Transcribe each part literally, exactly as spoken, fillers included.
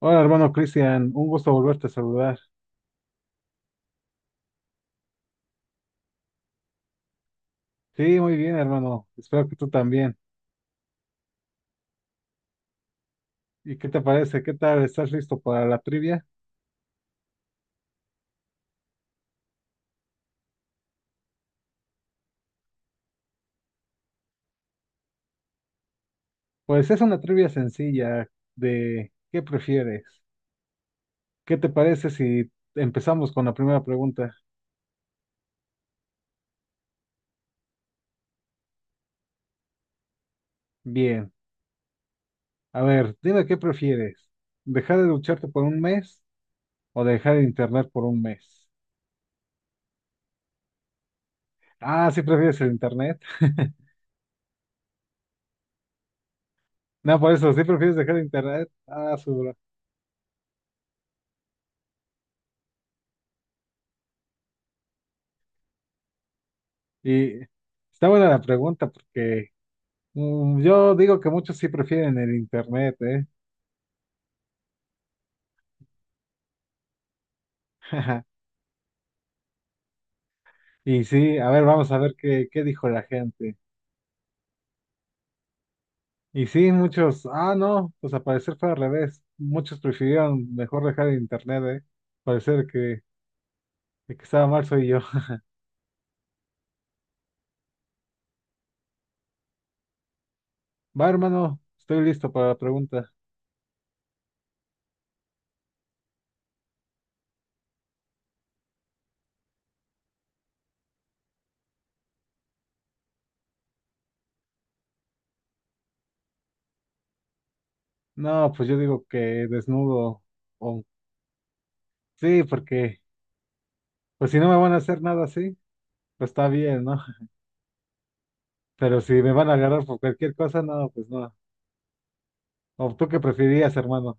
Hola, hermano Cristian, un gusto volverte a saludar. Sí, muy bien, hermano. Espero que tú también. ¿Y qué te parece? ¿Qué tal? ¿Estás listo para la trivia? Pues es una trivia sencilla de ¿qué prefieres? ¿Qué te parece si empezamos con la primera pregunta? Bien. A ver, dime qué prefieres. ¿Dejar de ducharte por un mes o dejar el internet por un mes? Ah, sí prefieres el internet. No, por eso, sí prefieres dejar el internet. Ah, su bro. Y está buena la pregunta porque Mm, yo digo que muchos sí prefieren el internet, ¿eh? Y sí, a ver, vamos a ver qué, qué dijo la gente. Y sí, muchos, ah, no, pues al parecer fue al revés. Muchos prefirieron mejor dejar el internet, ¿eh? Parecer que el que estaba mal soy yo. Va, hermano, estoy listo para la pregunta. No, pues yo digo que desnudo. o- sí, porque, pues si no me van a hacer nada así, pues está bien, ¿no? Pero si me van a agarrar por cualquier cosa, no, pues no. ¿O tú qué preferirías, hermano?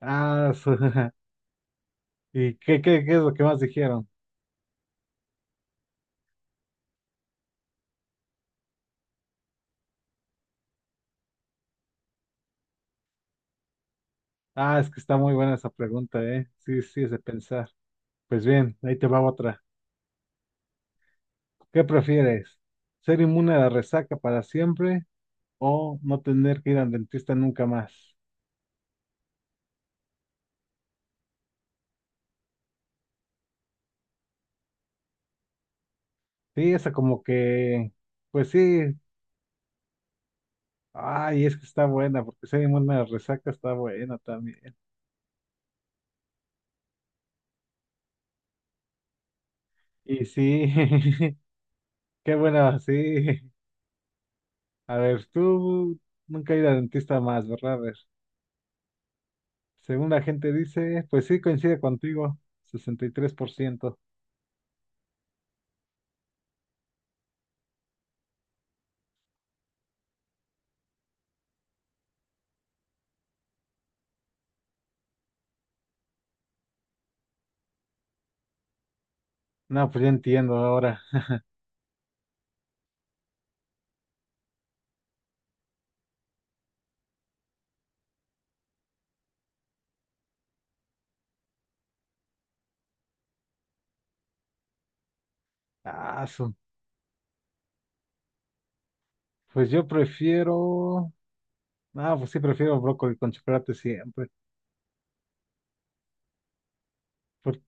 Ah, su- ¿Y qué, qué, qué es lo que más dijeron? Ah, es que está muy buena esa pregunta, ¿eh? Sí, sí, es de pensar. Pues bien, ahí te va otra. ¿Qué prefieres? ¿Ser inmune a la resaca para siempre o no tener que ir al dentista nunca más? Sí, esa como que, pues sí, ay, es que está buena, porque ser inmune a la resaca está buena también. Y sí, qué buena, sí. A ver, tú nunca ir al dentista más, ¿verdad? A ver. Según la gente dice, pues sí coincide contigo, sesenta y tres por ciento. No, pues ya entiendo ahora. Ah, su- pues yo prefiero. No, pues sí, prefiero brócoli con chocolate siempre. Por-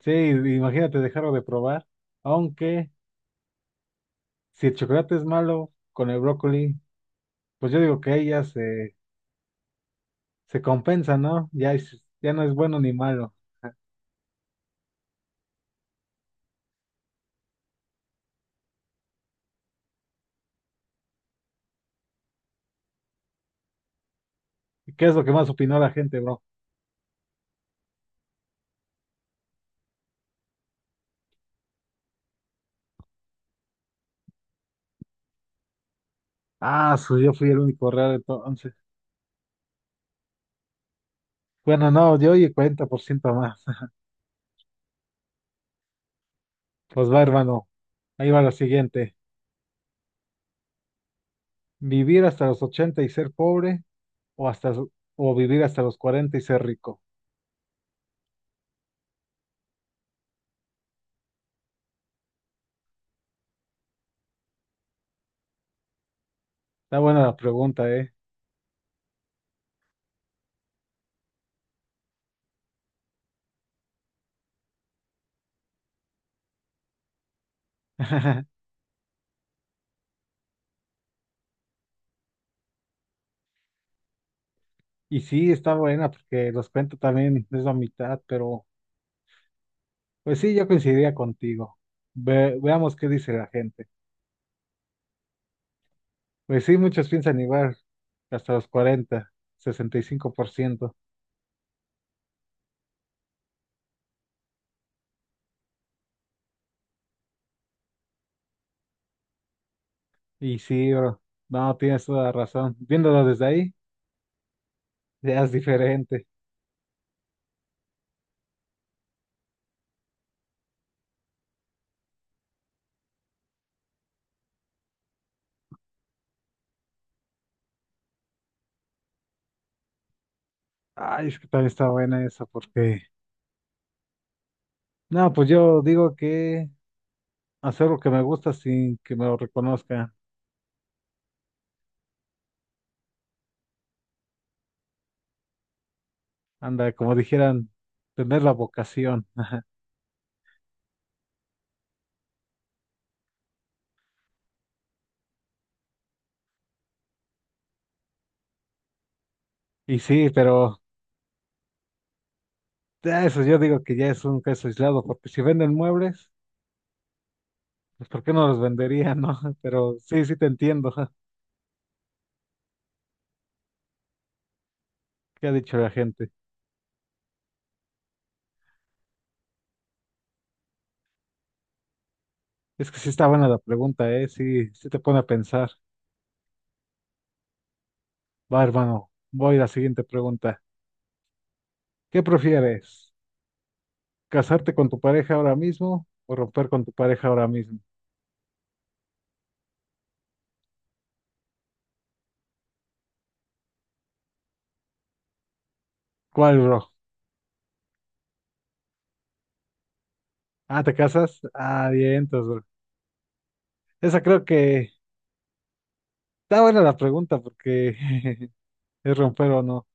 Sí, imagínate dejarlo de probar. Aunque si el chocolate es malo con el brócoli, pues yo digo que ahí ya se, se compensa, ¿no? Ya, es- ya no es bueno ni malo. ¿Y qué es lo que más opinó la gente, bro? Ah, su, yo fui el único raro entonces. Bueno, no, yo y el cuarenta por ciento más. Pues va, hermano. Ahí va la siguiente. ¿Vivir hasta los ochenta y ser pobre o hasta o vivir hasta los cuarenta y ser rico? Está buena la pregunta, ¿eh? Y sí, está buena porque los cuento también es la mitad, pero pues sí, yo coincidiría contigo. Ve- veamos qué dice la gente. Pues sí, muchos piensan igual, hasta los cuarenta, sesenta y cinco por ciento. Y cinco por ciento. Y sí, bro, no, tienes toda la razón. Viéndolo desde ahí, ya es diferente. Ay, es que también está buena esa porque no, pues yo digo que hacer lo que me gusta sin que me lo reconozcan. Anda, como dijeran, tener la vocación. Y sí, pero ya eso yo digo que ya es un caso aislado, porque si venden muebles, pues ¿por qué no los venderían, no? Pero sí, sí te entiendo. ¿Qué ha dicho la gente? Es que sí está buena la pregunta, ¿eh? Sí, sí te pone a pensar. Va, hermano, voy a la siguiente pregunta. ¿Qué prefieres? ¿Casarte con tu pareja ahora mismo o romper con tu pareja ahora mismo? ¿Cuál, bro? Ah, ¿te casas? Ah, bien, entonces, bro. Esa creo que está buena la pregunta porque es romper o no.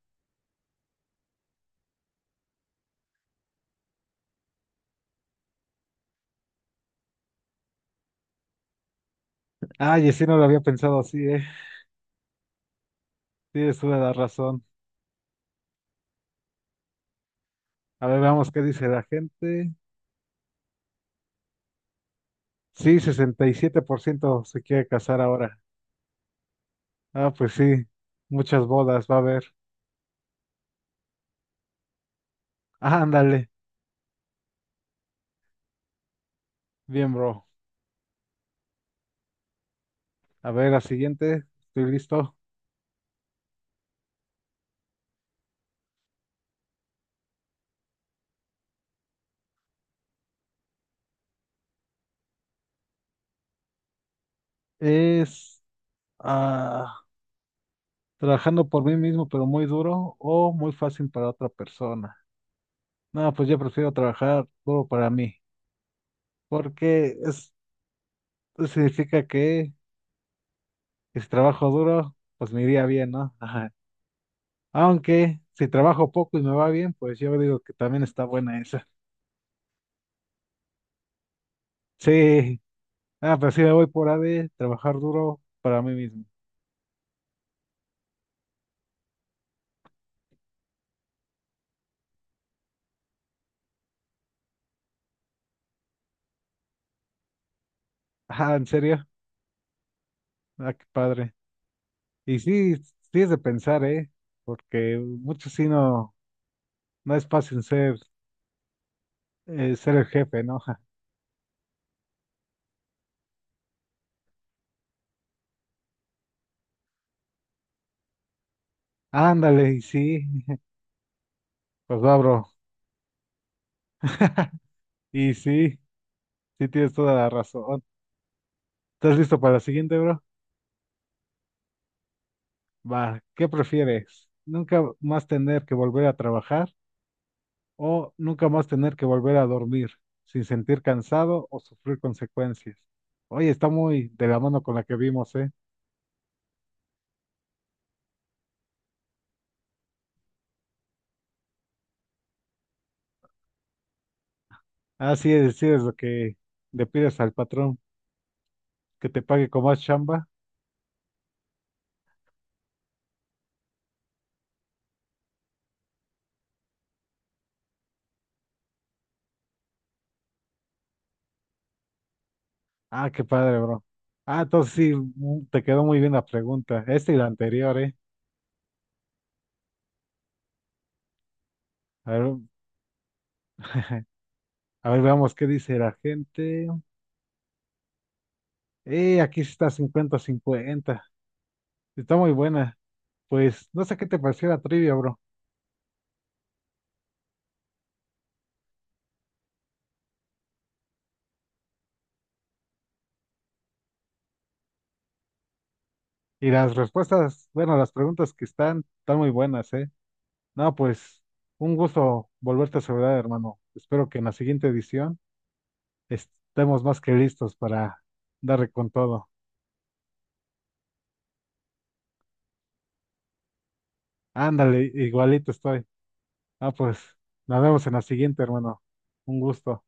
Ay, sí, no lo había pensado así, ¿eh? Tienes toda la razón. A ver, veamos qué dice la gente. Sí, sesenta y siete por ciento se quiere casar ahora. Ah, pues sí, muchas bodas va a haber. Ah, ándale. Bien, bro. A ver, la siguiente. Estoy listo. Es ah, Trabajando por mí mismo, pero muy duro o muy fácil para otra persona. No, pues yo prefiero trabajar duro para mí, porque es significa que y si trabajo duro, pues me iría bien, ¿no? Ajá. Aunque si trabajo poco y me va bien, pues yo digo que también está buena esa. Sí, ah, pero sí me voy por A D, trabajar duro para mí mismo. Ajá, ¿en serio? Ah, qué padre. Y sí, sí es de pensar, ¿eh? Porque muchos sí no, no es fácil ser, eh, ser el jefe, ¿no? Ja. Ándale, y sí, pues va, bro. Y sí, sí tienes toda la razón. ¿Estás listo para la siguiente, bro? Va, ¿qué prefieres? ¿Nunca más tener que volver a trabajar o nunca más tener que volver a dormir sin sentir cansado o sufrir consecuencias? Oye, está muy de la mano con la que vimos, ¿eh? Ah, sí, es lo que le pides al patrón, que te pague con más chamba. Ah, qué padre, bro. Ah, entonces sí, mm, te quedó muy bien la pregunta. Esta y la anterior, ¿eh? A ver, a ver, veamos qué dice la gente. Eh, aquí sí está cincuenta cincuenta. Está muy buena. Pues no sé qué te pareció la trivia, bro. Y las respuestas, bueno, las preguntas que están, están muy buenas, ¿eh? No, pues un gusto volverte a saludar, hermano. Espero que en la siguiente edición estemos más que listos para darle con todo. Ándale, igualito estoy. Ah, pues nos vemos en la siguiente, hermano. Un gusto.